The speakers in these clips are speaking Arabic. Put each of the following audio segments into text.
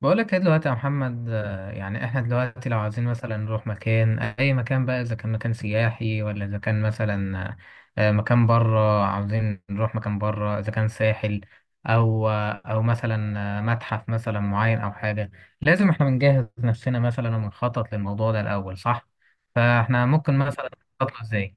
بقولك ايه دلوقتي يا محمد، يعني احنا دلوقتي لو عايزين مثلا نروح مكان، اي مكان بقى، اذا كان مكان سياحي، ولا اذا كان مثلا مكان بره. عاوزين نروح مكان بره، اذا كان ساحل او او مثلا متحف مثلا معين او حاجة، لازم احنا بنجهز نفسنا مثلا، ونخطط للموضوع ده الاول، صح؟ فاحنا ممكن مثلا نخطط له ازاي؟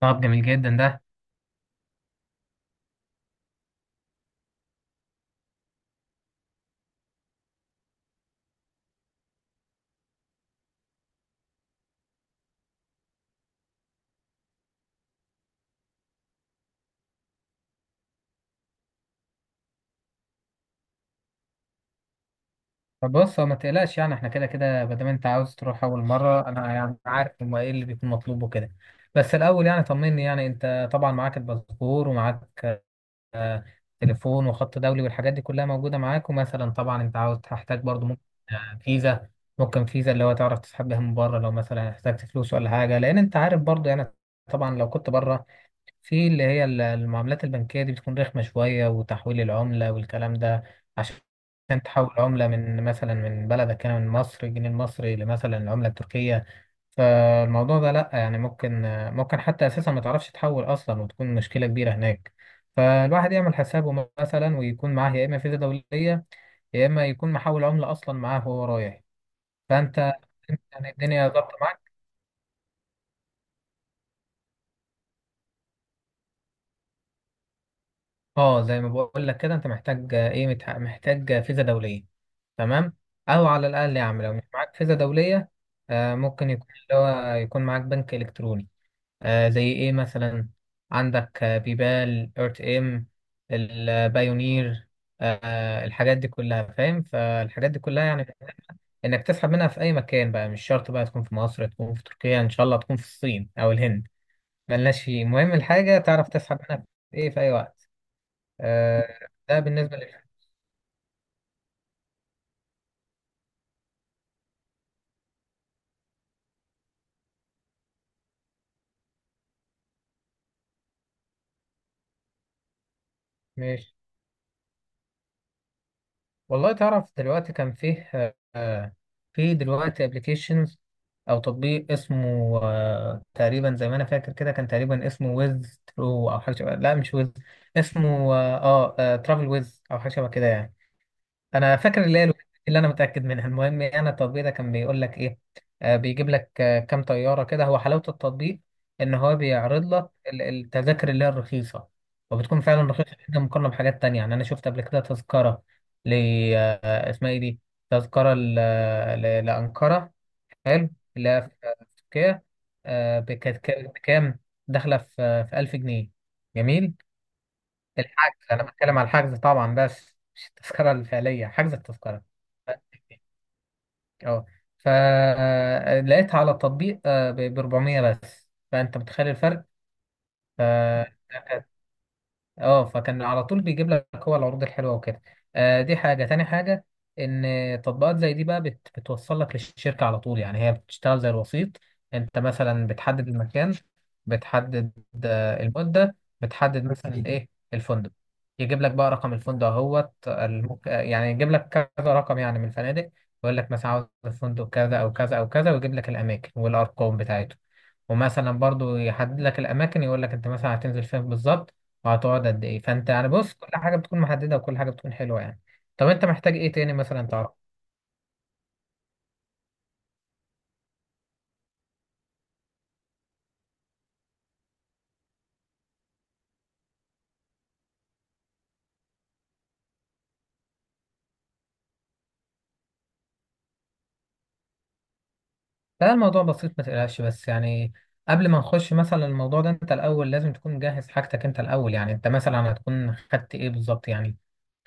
طب جميل جدا ده. طب بص، هو ما تقلقش يعني، احنا كده كده ما دام انت عاوز تروح اول مره، انا يعني عارف هما ايه اللي بيكون مطلوب وكده. بس الاول يعني طمني، يعني انت طبعا معاك الباسبور، ومعاك آه، تليفون وخط دولي والحاجات دي كلها موجوده معاك، ومثلا طبعا انت عاوز تحتاج برضو ممكن فيزا. ممكن فيزا، اللي هو تعرف تسحب بيها من بره لو مثلا احتجت فلوس ولا حاجه، لان انت عارف برضو يعني، طبعا لو كنت بره، في اللي هي المعاملات البنكية دي بتكون رخمة شوية، وتحويل العملة والكلام ده، عشان تحول عملة من مثلا من بلدك هنا من مصر الجنيه المصري لمثلا العملة التركية، فالموضوع ده لأ، يعني ممكن ممكن حتى أساسا ما تعرفش تحول أصلا، وتكون مشكلة كبيرة هناك. فالواحد يعمل حسابه مثلا، ويكون معاه يا إما فيزا دولية، يا إما يكون محول عملة أصلا معاه وهو رايح. فأنت يعني الدنيا ظابطة معاك. اه زي ما بقول لك كده، انت محتاج محتاج فيزا دوليه. تمام. او على الاقل يا عم لو مش معاك فيزا دوليه، ممكن يكون اللي هو يكون معاك بنك الكتروني. آه زي ايه مثلا؟ عندك بيبال، ارت ام، البايونير، الحاجات دي كلها، فاهم؟ فالحاجات دي كلها يعني انك تسحب منها في اي مكان بقى، مش شرط بقى تكون في مصر، تكون في تركيا، ان شاء الله تكون في الصين او الهند، ملناش فيه، المهم الحاجه تعرف تسحب منها في ايه في اي وقت. آه، ده بالنسبة لل ماشي. والله تعرف دلوقتي كان فيه آه، في دلوقتي ابلكيشنز او تطبيق اسمه، تقريبا زي ما انا فاكر كده كان تقريبا اسمه ويز ترو او حاجة شبه، لا مش ويز، اسمه اه ترافل ويز او حاجة شبه كده يعني. انا فاكر اللي هي الوحيدة اللي انا متاكد منها. المهم، يعني انا التطبيق ده كان بيقول لك ايه؟ آه بيجيب لك آه كام طياره كده، هو حلاوه التطبيق ان هو بيعرض لك التذاكر اللي هي الرخيصه، وبتكون فعلا رخيصه جدا مقارنه بحاجات تانية. يعني انا شفت قبل كده تذكره ل اسمها ايه دي، تذكره لانقره، حلو، اللي هي في في تركيا، آه بكام؟ داخله في في 1000 جنيه، جميل. الحجز، انا بتكلم على الحجز طبعا، بس مش التذكره الفعليه، حجز التذكره. اه فلقيتها على التطبيق ب 400 بس، فانت متخيل الفرق؟ ف اه فكان على طول بيجيب لك هو العروض الحلوه وكده. دي حاجه، تاني حاجه ان تطبيقات زي دي بقى بتوصل لك للشركه على طول، يعني هي بتشتغل زي الوسيط. انت مثلا بتحدد المكان، بتحدد المده، بتحدد مثلا ايه، الفندق، يجيب لك بقى رقم الفندق اهوت يعني يجيب لك كذا رقم يعني من الفنادق، ويقول لك مثلا عاوز الفندق كذا او كذا او كذا، ويجيب لك الاماكن والارقام بتاعته. ومثلا برضو يحدد لك الاماكن، يقول لك انت مثلا هتنزل فين بالظبط، وهتقعد قد ايه. فانت يعني بص، كل حاجه بتكون محدده وكل حاجه بتكون حلوه يعني. طب انت محتاج ايه تاني مثلا؟ لا الموضوع بسيط ما تقلقش، بس يعني قبل ما نخش مثلا الموضوع ده، انت الاول لازم تكون مجهز حاجتك. انت الاول يعني انت مثلا هتكون خدت ايه بالظبط، يعني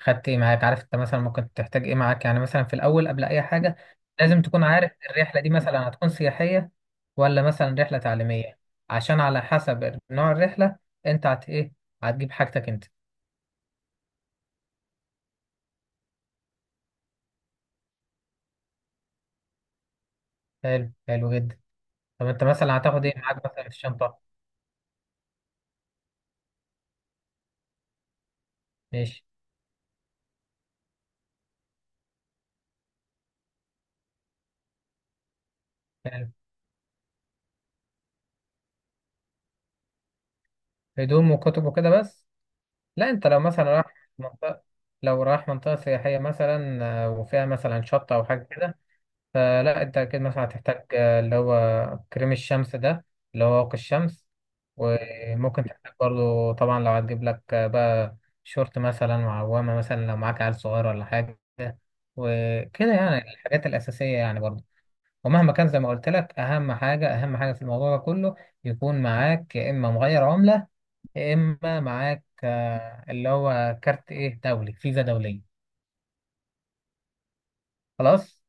خدت ايه معاك؟ عارف انت مثلا ممكن تحتاج ايه معاك؟ يعني مثلا في الاول قبل اي حاجة، لازم تكون عارف الرحلة دي مثلا هتكون سياحية ولا مثلا رحلة تعليمية، عشان على حسب نوع الرحلة، انت هت ايه هتجيب حاجتك انت. حلو حلو جدا. طب انت مثلا هتاخد ايه معاك مثلا في الشنطة؟ ماشي. حلو، هدوم وكتب وكده بس. لا انت لو مثلا رايح منطقة، لو رايح منطقة سياحية مثلا وفيها مثلا شط أو حاجة كده، فلا انت أكيد مثلا هتحتاج اللي هو كريم الشمس ده، اللي هو واقي الشمس. وممكن تحتاج برضه طبعا، لو هتجيب لك بقى شورت مثلا، وعوامة مثلا لو معاك عيل صغير ولا حاجة، وكده يعني الحاجات الأساسية يعني برضه. ومهما كان زي ما قلت لك، أهم حاجة في الموضوع ده كله، يكون معاك يا إما مغير عملة، يا اما معاك اللي هو كارت ايه دولي، فيزا دوليه. خلاص.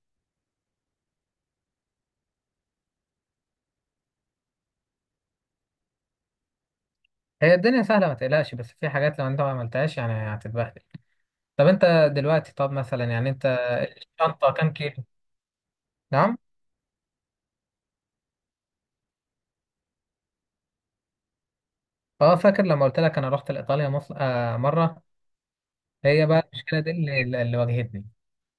هي الدنيا سهله ما تقلقش، بس في حاجات لو انت ما عملتهاش يعني هتتبهدل. طب انت دلوقتي، طب مثلا يعني انت الشنطه كام كيلو؟ نعم؟ اه فاكر لما قلت لك انا رحت لايطاليا مصر آه مره؟ هي بقى المشكله دي اللي واجهتني.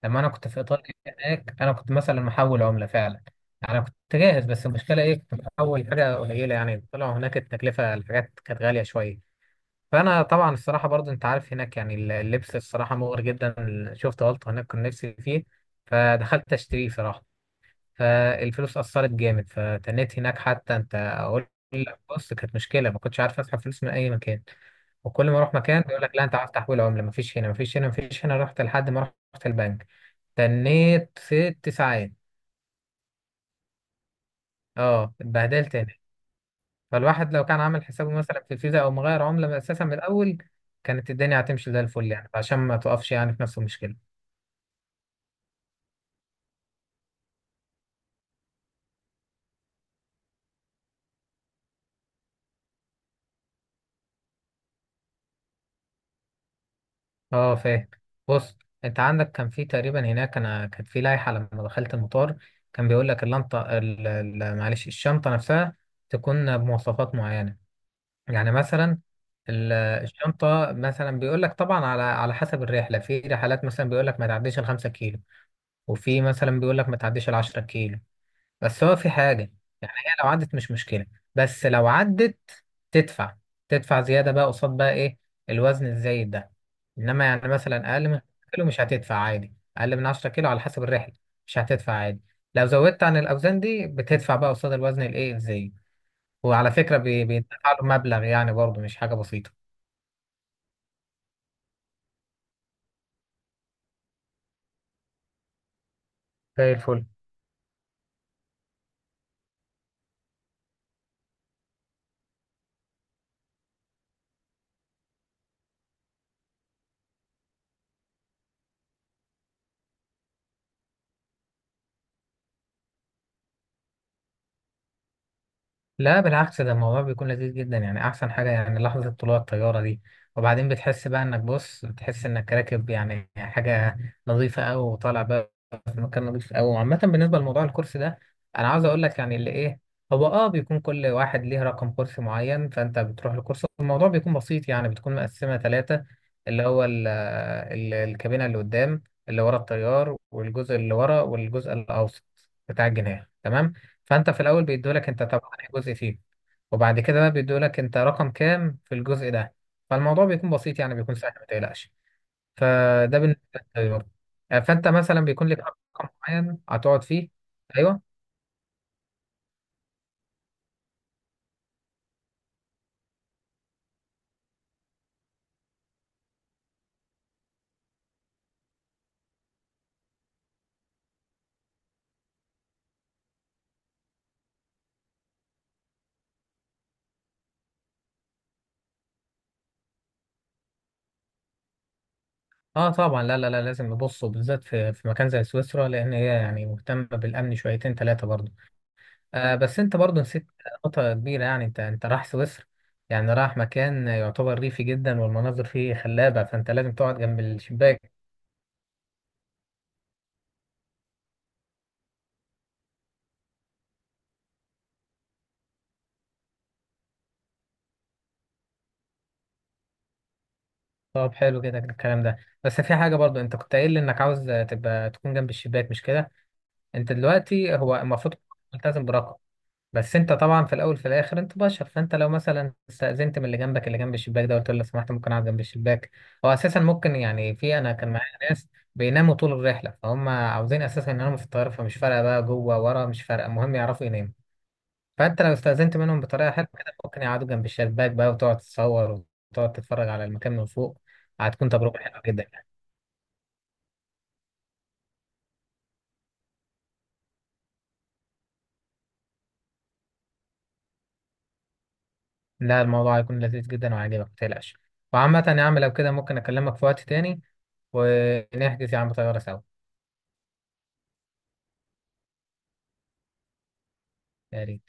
لما انا كنت في ايطاليا هناك، انا كنت مثلا محول عمله فعلا، انا كنت جاهز، بس المشكله ايه؟ كنت محول حاجه قليله، يعني طلعوا هناك التكلفه الحاجات كانت غاليه شويه. فانا طبعا الصراحه برضه انت عارف هناك يعني اللبس الصراحه مغري جدا، شفت غلطه هناك كنت نفسي فيه، فدخلت اشتريه صراحه، فالفلوس اثرت جامد، فتنيت هناك. حتى انت اقول لك بص، كانت مشكله ما كنتش عارف اسحب فلوس من اي مكان، وكل ما اروح مكان يقول لك لا، انت عارف تحويل عمله مفيش هنا، مفيش هنا، مفيش هنا. رحت لحد ما رحت البنك، تنيت 6 ساعات. اه اتبهدلت. فالواحد لو كان عامل حسابه مثلا في فيزا او مغير عملة اساسا من الاول، كانت الدنيا هتمشي زي الفل يعني، عشان ما تقفش يعني في نفس المشكلة. اه فاهم. بص انت عندك كان في تقريبا هناك، انا كان في لائحة لما دخلت المطار، كان بيقول لك معلش، الشنطة نفسها تكون بمواصفات معينة. يعني مثلا ال- الشنطة مثلا، بيقول لك طبعا على على حسب الرحلة، في رحلات مثلا بيقول لك ما تعديش الخمسة كيلو، وفي مثلا بيقول لك ما تعديش العشرة كيلو. بس هو في حاجة، يعني هي لو عدت مش مشكلة، بس لو عدت تدفع، تدفع زيادة بقى قصاد بقى إيه، الوزن الزايد ده. إنما يعني مثلا أقل من 10 كيلو مش هتدفع عادي، أقل من 10 كيلو على حسب الرحلة مش هتدفع عادي. لو زودت عن الأوزان دي بتدفع بقى قصاد الوزن الإيه الزايد. وعلى فكرة، بيدفع له مبلغ يعني برضه مش حاجة بسيطة. زي الفل. لا بالعكس، ده الموضوع بيكون لذيذ جدا يعني، احسن حاجه يعني لحظه طلوع الطياره دي. وبعدين بتحس بقى انك، بص بتحس انك راكب يعني حاجه نظيفه قوي، وطالع بقى في مكان نظيف قوي. وعامه بالنسبه لموضوع الكرسي ده، انا عاوز اقول لك يعني اللي ايه، هو اه بيكون كل واحد ليه رقم كرسي معين، فانت بتروح للكرسي. الموضوع بيكون بسيط يعني، بتكون مقسمه ثلاثه، اللي هو ال ال الكابينه اللي قدام، اللي ورا الطيار، والجزء اللي ورا، والجزء الاوسط بتاع الجناح. تمام؟ فانت في الاول بيدولك انت طب انهي جزء فيه، وبعد كده بقى بيدولك انت رقم كام في الجزء ده. فالموضوع بيكون بسيط يعني، بيكون سهل ما تقلقش. فده بالنسبه للطيار. فانت مثلا بيكون لك رقم معين هتقعد فيه. ايوه. اه طبعا، لا لا لا لازم نبص، بالذات في مكان زي سويسرا، لان هي يعني مهتمه بالامن شويتين ثلاثه برضه. بس انت برضه نسيت نقطه كبيره، يعني انت رايح سويسرا، يعني رايح مكان يعتبر ريفي جدا والمناظر فيه خلابه، فانت لازم تقعد جنب الشباك. طب حلو كده الكلام ده، بس في حاجة برضو انت كنت قايل لي انك عاوز تبقى تكون جنب الشباك، مش كده؟ انت دلوقتي هو المفروض ملتزم برقم، بس انت طبعا في الاول في الاخر انت بشر، فانت لو مثلا استأذنت من اللي جنبك، اللي جنب الشباك ده، قلت له لو سمحت ممكن اقعد جنب الشباك، هو اساسا ممكن يعني، في انا كان معايا ناس بيناموا طول الرحلة، فهم عاوزين اساسا يناموا في الطيارة، فمش فارقة بقى جوه ورا، مش فارقة، المهم يعرفوا يناموا. فانت لو استأذنت منهم بطريقه حلوه كده، ممكن يقعدوا جنب الشباك بقى، وتقعد تتصور وتقعد تتفرج على المكان من فوق. هتكون تجربه حلوه جدا يعني. لا الموضوع هيكون لذيذ جدا وعاجبك ما تقلقش. وعامة يا عم لو كده ممكن اكلمك في وقت تاني، ونحجز يا عم طياره سوا. يا ريت.